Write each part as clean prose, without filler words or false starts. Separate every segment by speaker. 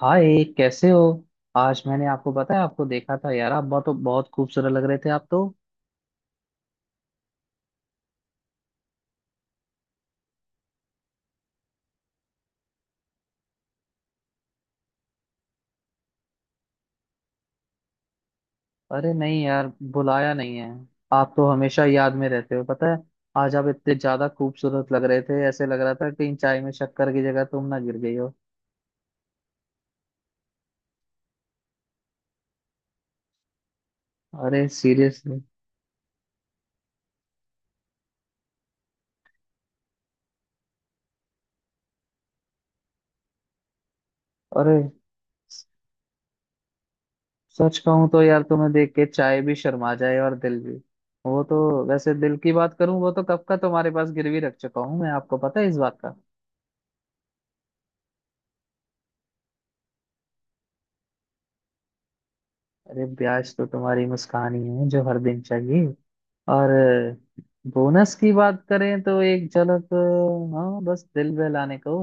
Speaker 1: हाय, कैसे हो। आज मैंने आपको पता है, आपको देखा था, यार आप बहुत बहुत खूबसूरत लग रहे थे आप तो। अरे नहीं यार, बुलाया नहीं है। आप तो हमेशा याद में रहते हो, पता है। आज आप इतने ज्यादा खूबसूरत लग रहे थे, ऐसे लग रहा था कहीं चाय में शक्कर की जगह तुम ना गिर गई हो। अरे सीरियसली। अरे स- सच कहूं तो यार तुम्हें देख के चाय भी शर्मा जाए और दिल भी। वो तो, वैसे दिल की बात करूं वो तो कब का तुम्हारे पास गिरवी रख चुका हूं मैं, आपको पता है इस बात का। अरे ब्याज तो तुम्हारी मुस्कान ही है जो हर दिन चाहिए। और बोनस की बात करें तो एक झलक, हाँ बस दिल बहलाने को।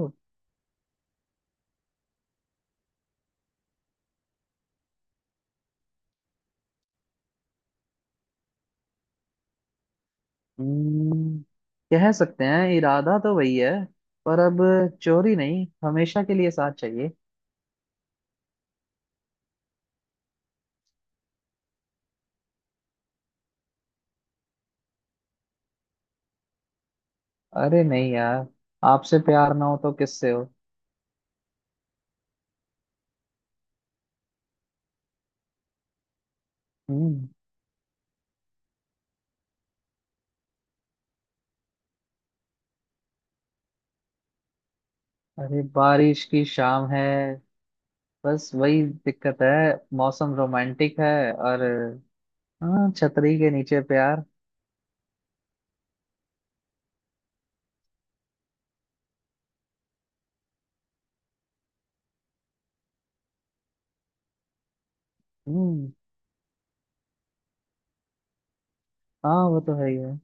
Speaker 1: हम्म, कह सकते हैं इरादा तो वही है। पर अब चोरी नहीं, हमेशा के लिए साथ चाहिए। अरे नहीं यार, आपसे प्यार ना हो तो किससे हो। हम्म। अरे बारिश की शाम है, बस वही दिक्कत है। मौसम रोमांटिक है और हाँ, छतरी के नीचे प्यार। हम्म। हाँ वो तो है ही है।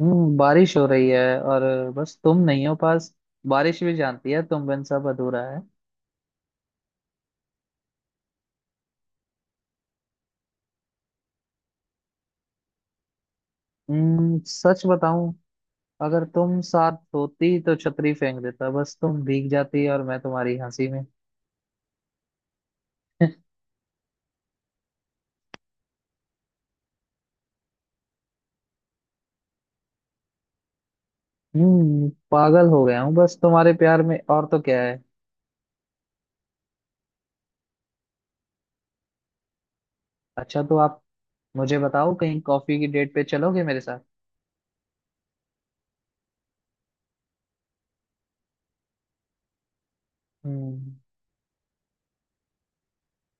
Speaker 1: बारिश हो रही है, और बस तुम नहीं हो पास। बारिश भी जानती है तुम बिन सब अधूरा है। सच बताऊं, अगर तुम साथ होती तो छतरी फेंक देता, बस तुम भीग जाती और मैं तुम्हारी हंसी में पागल हो गया हूँ बस तुम्हारे प्यार में, और तो क्या है। अच्छा तो आप मुझे बताओ, कहीं कॉफी की डेट पे चलोगे मेरे साथ? हम्म।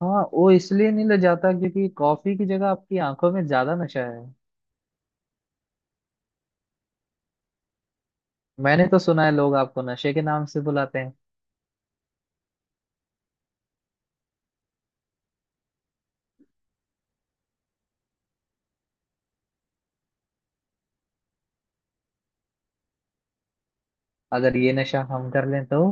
Speaker 1: हाँ, वो इसलिए नहीं ले जाता क्योंकि कॉफी की जगह आपकी आंखों में ज्यादा नशा है। मैंने तो सुना है लोग आपको नशे के नाम से बुलाते हैं। अगर ये नशा हम कर लें तो?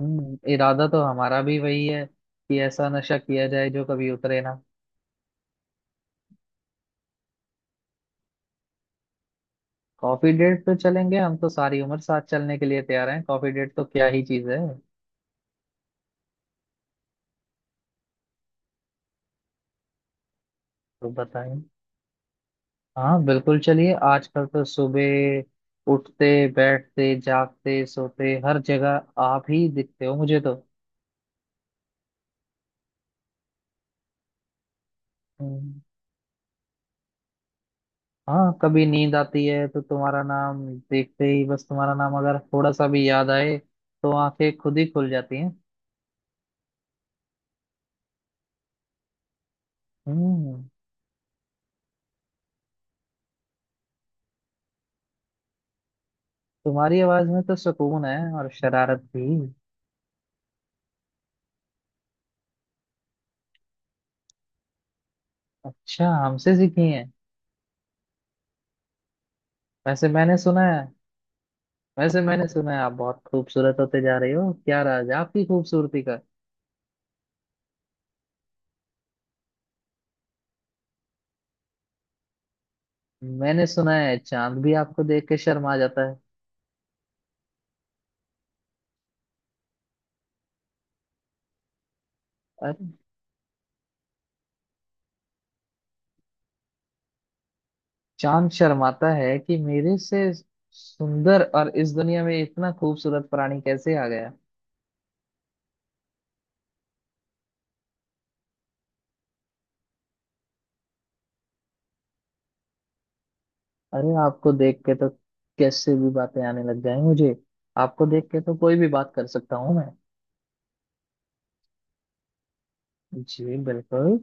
Speaker 1: इरादा तो हमारा भी वही है कि ऐसा नशा किया जाए जो कभी उतरे ना। कॉफी डेट तो चलेंगे, हम तो सारी उम्र साथ चलने के लिए तैयार हैं, कॉफी डेट तो क्या ही चीज है। तो बताएं। हाँ बिल्कुल चलिए, आजकल तो सुबह उठते बैठते जागते सोते हर जगह आप ही दिखते हो मुझे तो। हम्म, हाँ कभी नींद आती है तो तुम्हारा नाम देखते ही, बस तुम्हारा नाम अगर थोड़ा सा भी याद आए तो आंखें खुद ही खुल जाती हैं। हम्म तुम्हारी आवाज में तो सुकून है और शरारत भी। अच्छा, हमसे सीखी है। वैसे मैंने सुना है, वैसे मैंने सुना है आप बहुत खूबसूरत होते जा रहे हो, क्या राज है आपकी खूबसूरती का? मैंने सुना है चांद भी आपको देख के शर्मा जाता है। अरे, चांद शर्माता है कि मेरे से सुंदर और इस दुनिया में इतना खूबसूरत प्राणी कैसे आ गया। अरे आपको देख के तो कैसे भी बातें आने लग जाए मुझे, आपको देख के तो कोई भी बात कर सकता हूँ मैं। जी बिल्कुल।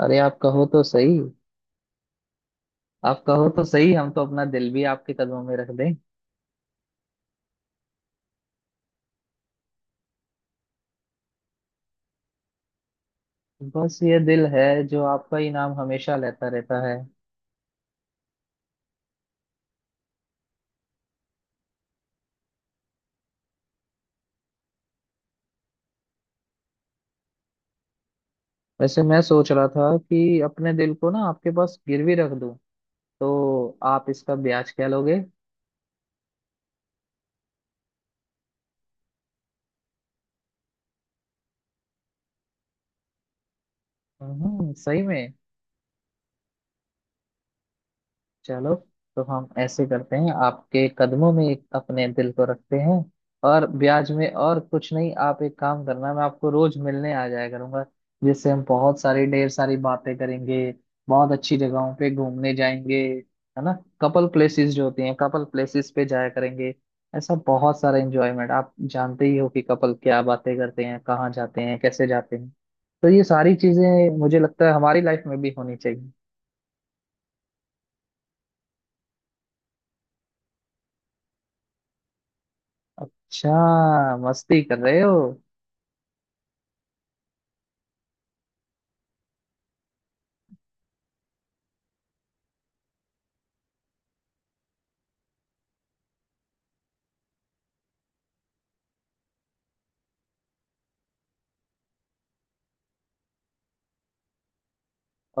Speaker 1: अरे आप कहो तो सही, आप कहो तो सही हम तो अपना दिल भी आपके कदमों में रख दें। बस ये दिल है जो आपका इनाम हमेशा लेता रहता है। वैसे मैं सोच रहा था कि अपने दिल को ना आपके पास गिरवी रख दूं, तो आप इसका ब्याज क्या लोगे? सही में। चलो, तो हम ऐसे करते हैं, आपके कदमों में एक अपने दिल को रखते हैं, और ब्याज में और कुछ नहीं, आप एक काम करना, मैं आपको रोज मिलने आ जाया करूंगा, जिससे हम बहुत सारी ढेर सारी बातें करेंगे, बहुत अच्छी जगहों पे घूमने जाएंगे, है ना। कपल प्लेसेस जो होती हैं कपल प्लेसेस पे जाया करेंगे, ऐसा बहुत सारा एंजॉयमेंट, आप जानते ही हो कि कपल क्या बातें करते हैं, कहाँ जाते हैं, कैसे जाते हैं, तो ये सारी चीजें मुझे लगता है हमारी लाइफ में भी होनी चाहिए। अच्छा, मस्ती कर रहे हो।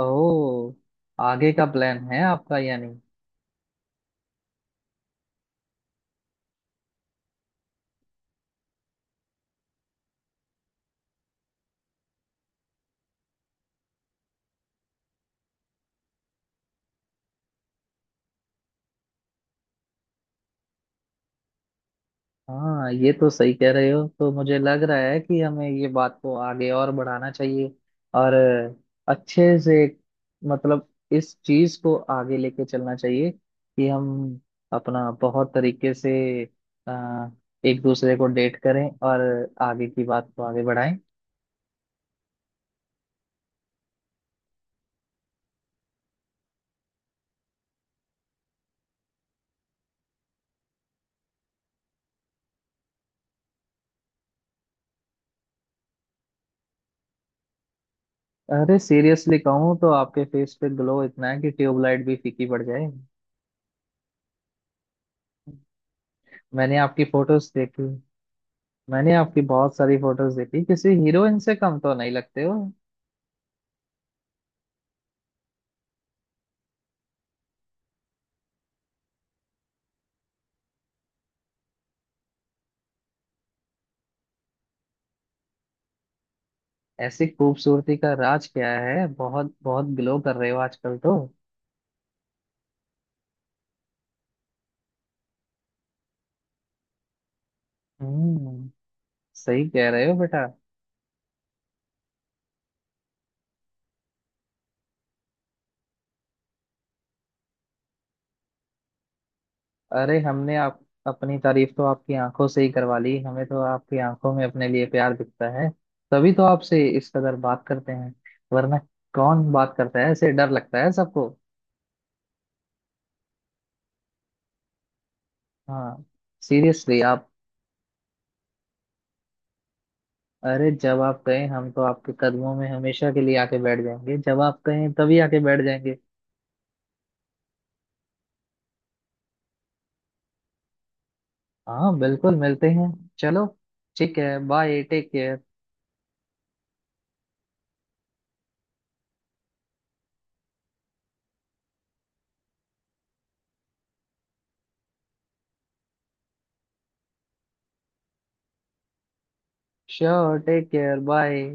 Speaker 1: ओह, आगे का प्लान है आपका यानी। हाँ ये तो सही कह रहे हो, तो मुझे लग रहा है कि हमें ये बात को आगे और बढ़ाना चाहिए और अच्छे से, मतलब इस चीज को आगे लेके चलना चाहिए कि हम अपना बहुत तरीके से अ, एक दूसरे को डेट करें और आगे की बात को आगे बढ़ाएं। अरे सीरियसली कहूँ तो आपके फेस पे ग्लो इतना है कि ट्यूबलाइट भी फीकी पड़ जाए। मैंने आपकी फोटोज देखी, मैंने आपकी बहुत सारी फोटोज देखी, किसी हीरोइन से कम तो नहीं लगते हो। ऐसी खूबसूरती का राज क्या है, बहुत बहुत ग्लो कर रहे हो आजकल तो। हम्म सही कह रहे हो बेटा। अरे हमने आप, अपनी तारीफ तो आपकी आंखों से ही करवा ली, हमें तो आपकी आंखों में अपने लिए प्यार दिखता है, तभी तो आपसे इस कदर बात करते हैं, वरना कौन बात करता है ऐसे, डर लगता है सबको। हाँ, सीरियसली आप। अरे जब आप कहें हम तो आपके कदमों में हमेशा के लिए आके बैठ जाएंगे, जब आप कहें तभी आके बैठ जाएंगे। हाँ बिल्कुल, मिलते हैं। चलो, ठीक है, bye, take care. Sure, take care, bye.